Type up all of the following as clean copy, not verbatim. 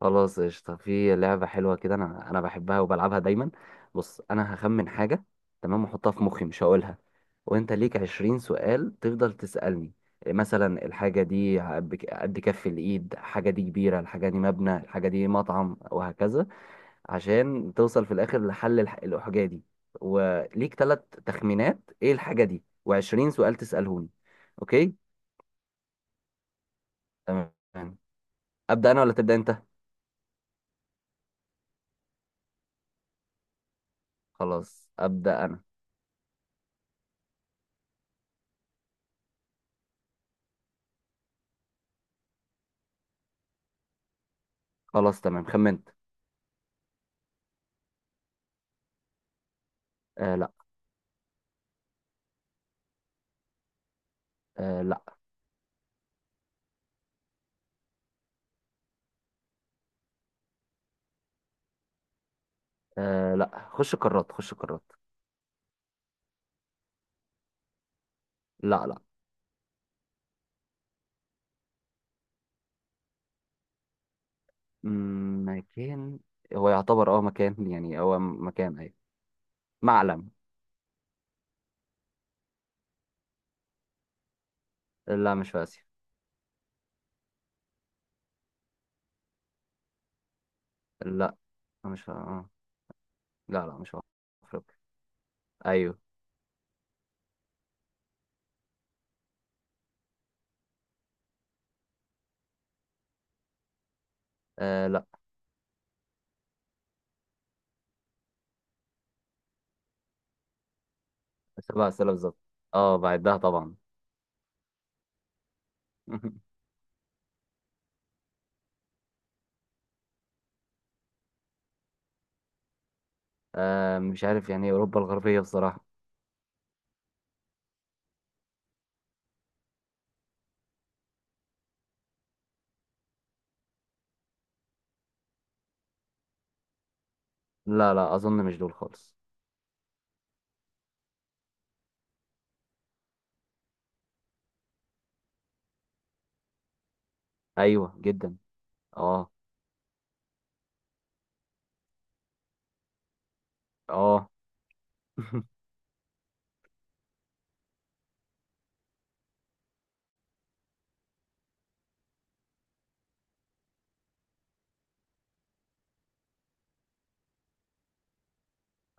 خلاص قشطة في لعبة حلوة كده. أنا بحبها وبلعبها دايما. بص، أنا هخمن حاجة. تمام، وأحطها في مخي مش هقولها. وأنت ليك 20 سؤال تفضل تسألني. مثلا الحاجة دي قد كف الإيد، الحاجة دي كبيرة، الحاجة دي مبنى، الحاجة دي مطعم، وهكذا. عشان توصل في الآخر لحل الحاجة دي. وليك ثلاث تخمينات إيه الحاجة دي، و20 سؤال تسألهوني. أوكي. تمام، أبدأ أنا ولا تبدأ أنت؟ خلاص أبدأ أنا. خلاص، تمام، خمنت. آه، لا. آه، لا. آه، لا، خش قارات، خش قارات. لا، لا. مكان. هو يعتبر مكان، يعني هو مكان، ايوه. معلم. لا، مش في اسيا. لا، مش في لا، لا، مش في افريقيا. ايوه. آه، لا. سبع اسئله بالظبط. اه، بعدها طبعا. مش عارف يعني إيه اوروبا الغربيه بصراحه. لا، لا اظن مش دول خالص. ايوه، جدا. اه، اه.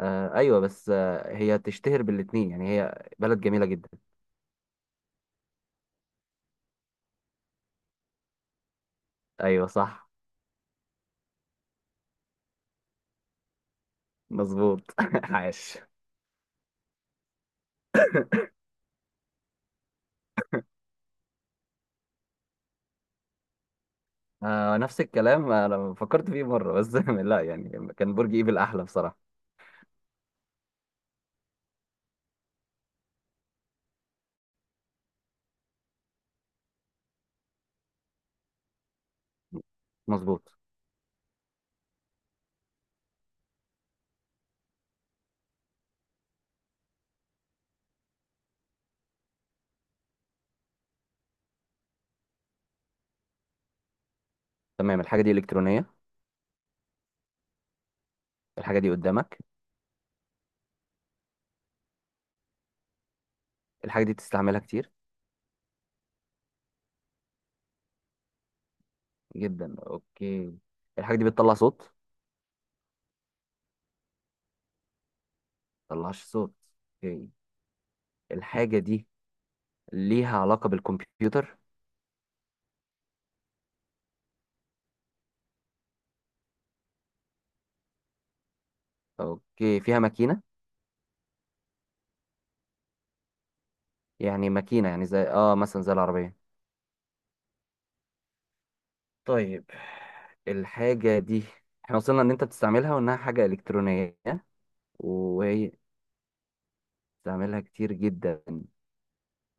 ايوه، بس هي تشتهر بالاتنين، يعني هي بلد جميله جدا. ايوه، صح. مظبوط. عاش. نفس الكلام. انا فكرت فيه مره بس لا، يعني كان برج ايفل احلى بصراحه. مظبوط. تمام. الحاجه دي الكترونيه؟ الحاجه دي قدامك؟ الحاجه دي بتستعملها كتير جدا. اوكي. الحاجه دي بتطلع صوت؟ طلعش صوت. اوكي. الحاجه دي ليها علاقه بالكمبيوتر؟ اوكي، فيها ماكينه؟ يعني ماكينه، يعني زي مثلا زي العربيه. طيب، الحاجة دي، احنا وصلنا ان انت بتستعملها وانها حاجة الكترونية وهي استعملها كتير جدا.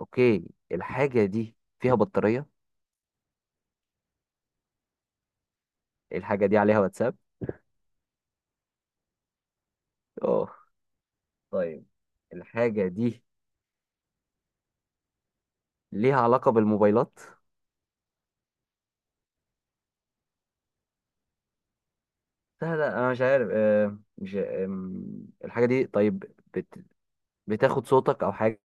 اوكي. الحاجة دي فيها بطارية؟ الحاجة دي عليها واتساب؟ اوه، طيب. الحاجة دي ليها علاقة بالموبايلات؟ لا، لا، انا مش عارف. مش الحاجة دي، طيب بت... بتاخد صوتك او حاجة؟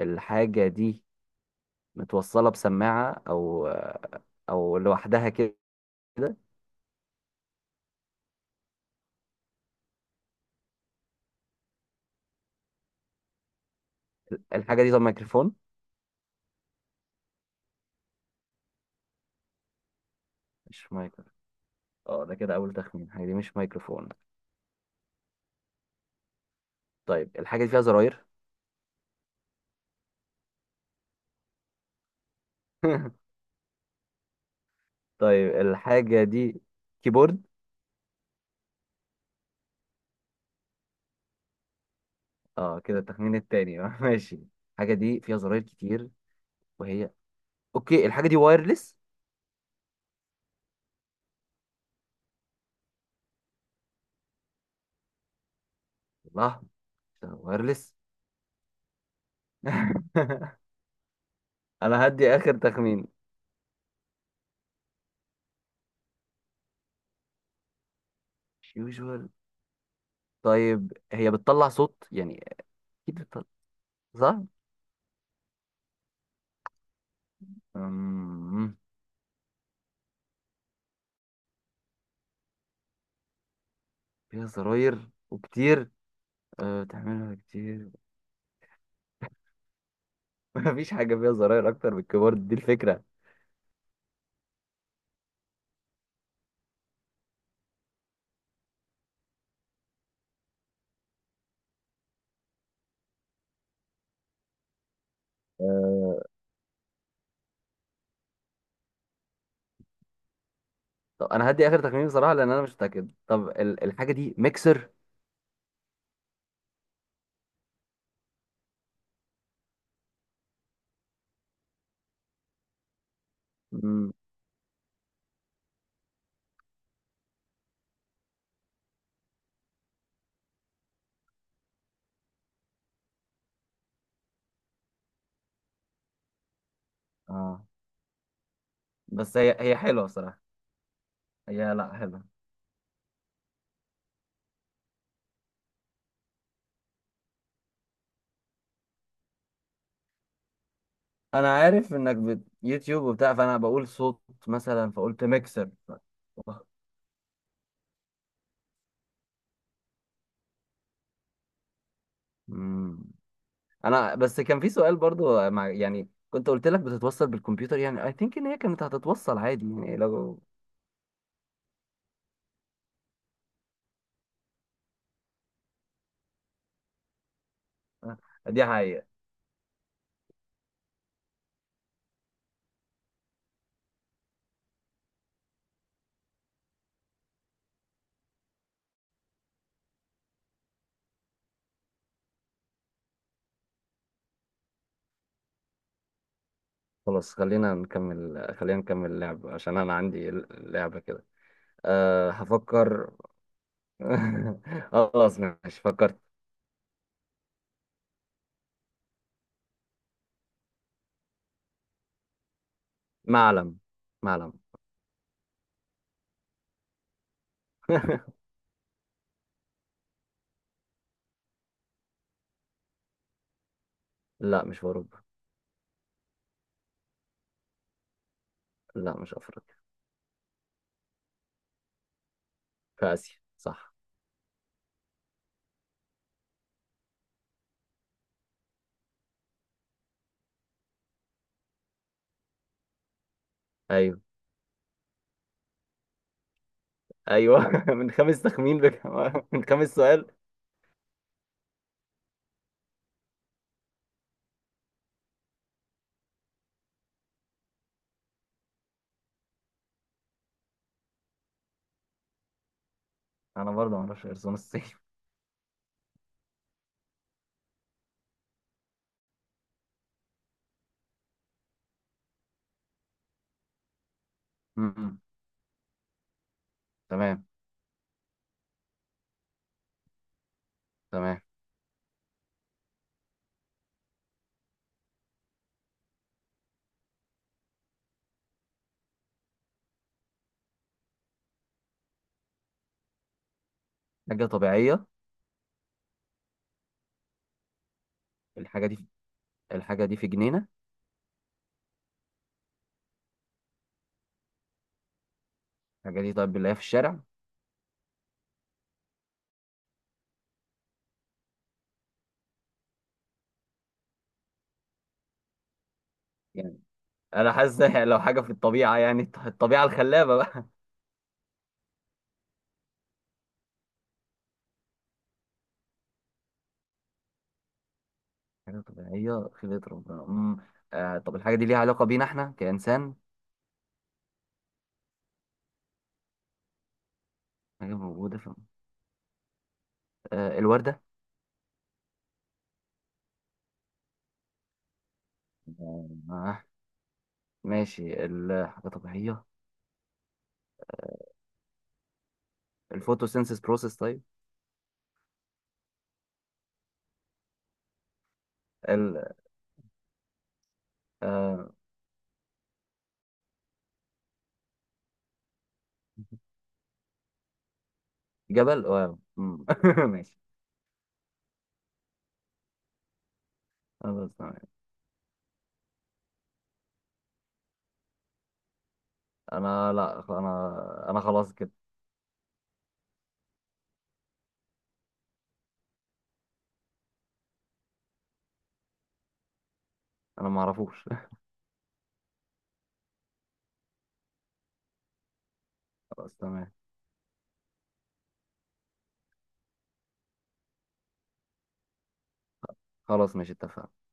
الحاجة دي متوصلة بسماعة، او لوحدها كده؟ الحاجة دي، طب ميكروفون؟ مش مايكروفون. اه، ده كده اول تخمين، الحاجة دي مش مايكروفون. طيب، الحاجة دي فيها زراير؟ طيب، الحاجة دي كيبورد؟ اه، كده التخمين التاني. ماشي. الحاجة دي فيها زراير كتير، وهي، اوكي، الحاجة دي وايرلس؟ الله، وايرلس. انا هدي اخر تخمين. يوجوال؟ طيب هي بتطلع صوت، يعني اكيد بتطلع، صح. أمم، فيها زراير وكتير. بتعملها كتير. مفيش حاجة فيها زراير اكتر من الكيبورد، دي الفكرة. أه طب انا هدي اخر تخمين بصراحة، لان انا مش متأكد. طب الحاجة دي ميكسر؟ امم اه بس هي هي حلوه صراحه. هي، لا، حلوه. انا عارف انك يوتيوب وبتاع، فانا بقول صوت مثلا، فقلت ميكسر. مم. انا، بس كان في سؤال برضو، مع يعني كنت قلت لك بتتوصل بالكمبيوتر، يعني اي ثينك ان هي كانت هتتوصل عادي يعني لو. دي حقيقة. خلاص، خلينا نكمل اللعب عشان انا عندي لعبة كده. هفكر. خلاص ماشي، فكرت. معلم. معلم. لا، مش في اوروبا. لا، مش افريقيا. في آسيا، صح. أيوه. أيوه. من خمس تخمين، من خمس سؤال. أنا برضه ما أعرفش غير صون الصين. أمم. تمام. تمام. حاجة طبيعية؟ الحاجة دي، الحاجة دي في جنينة؟ الحاجة دي، طيب بنلاقيها في الشارع؟ يعني أنا حاسس إن لو حاجة في الطبيعة، يعني الطبيعة الخلابة بقى. حاجة طبيعية، خلقة ربنا. أمم. طب الحاجة دي ليها علاقة بينا إحنا كإنسان؟ حاجة موجودة في الوردة؟ آه ماشي. الحاجة طبيعية، الفوتوسينسيس بروسيس؟ طيب ال... آه جبل، واو. ماشي. خلاص، تمام. انا، لا، انا خلاص كده. انا ما اعرفوش. خلاص، تمام. خلاص ماشي، اتفقنا.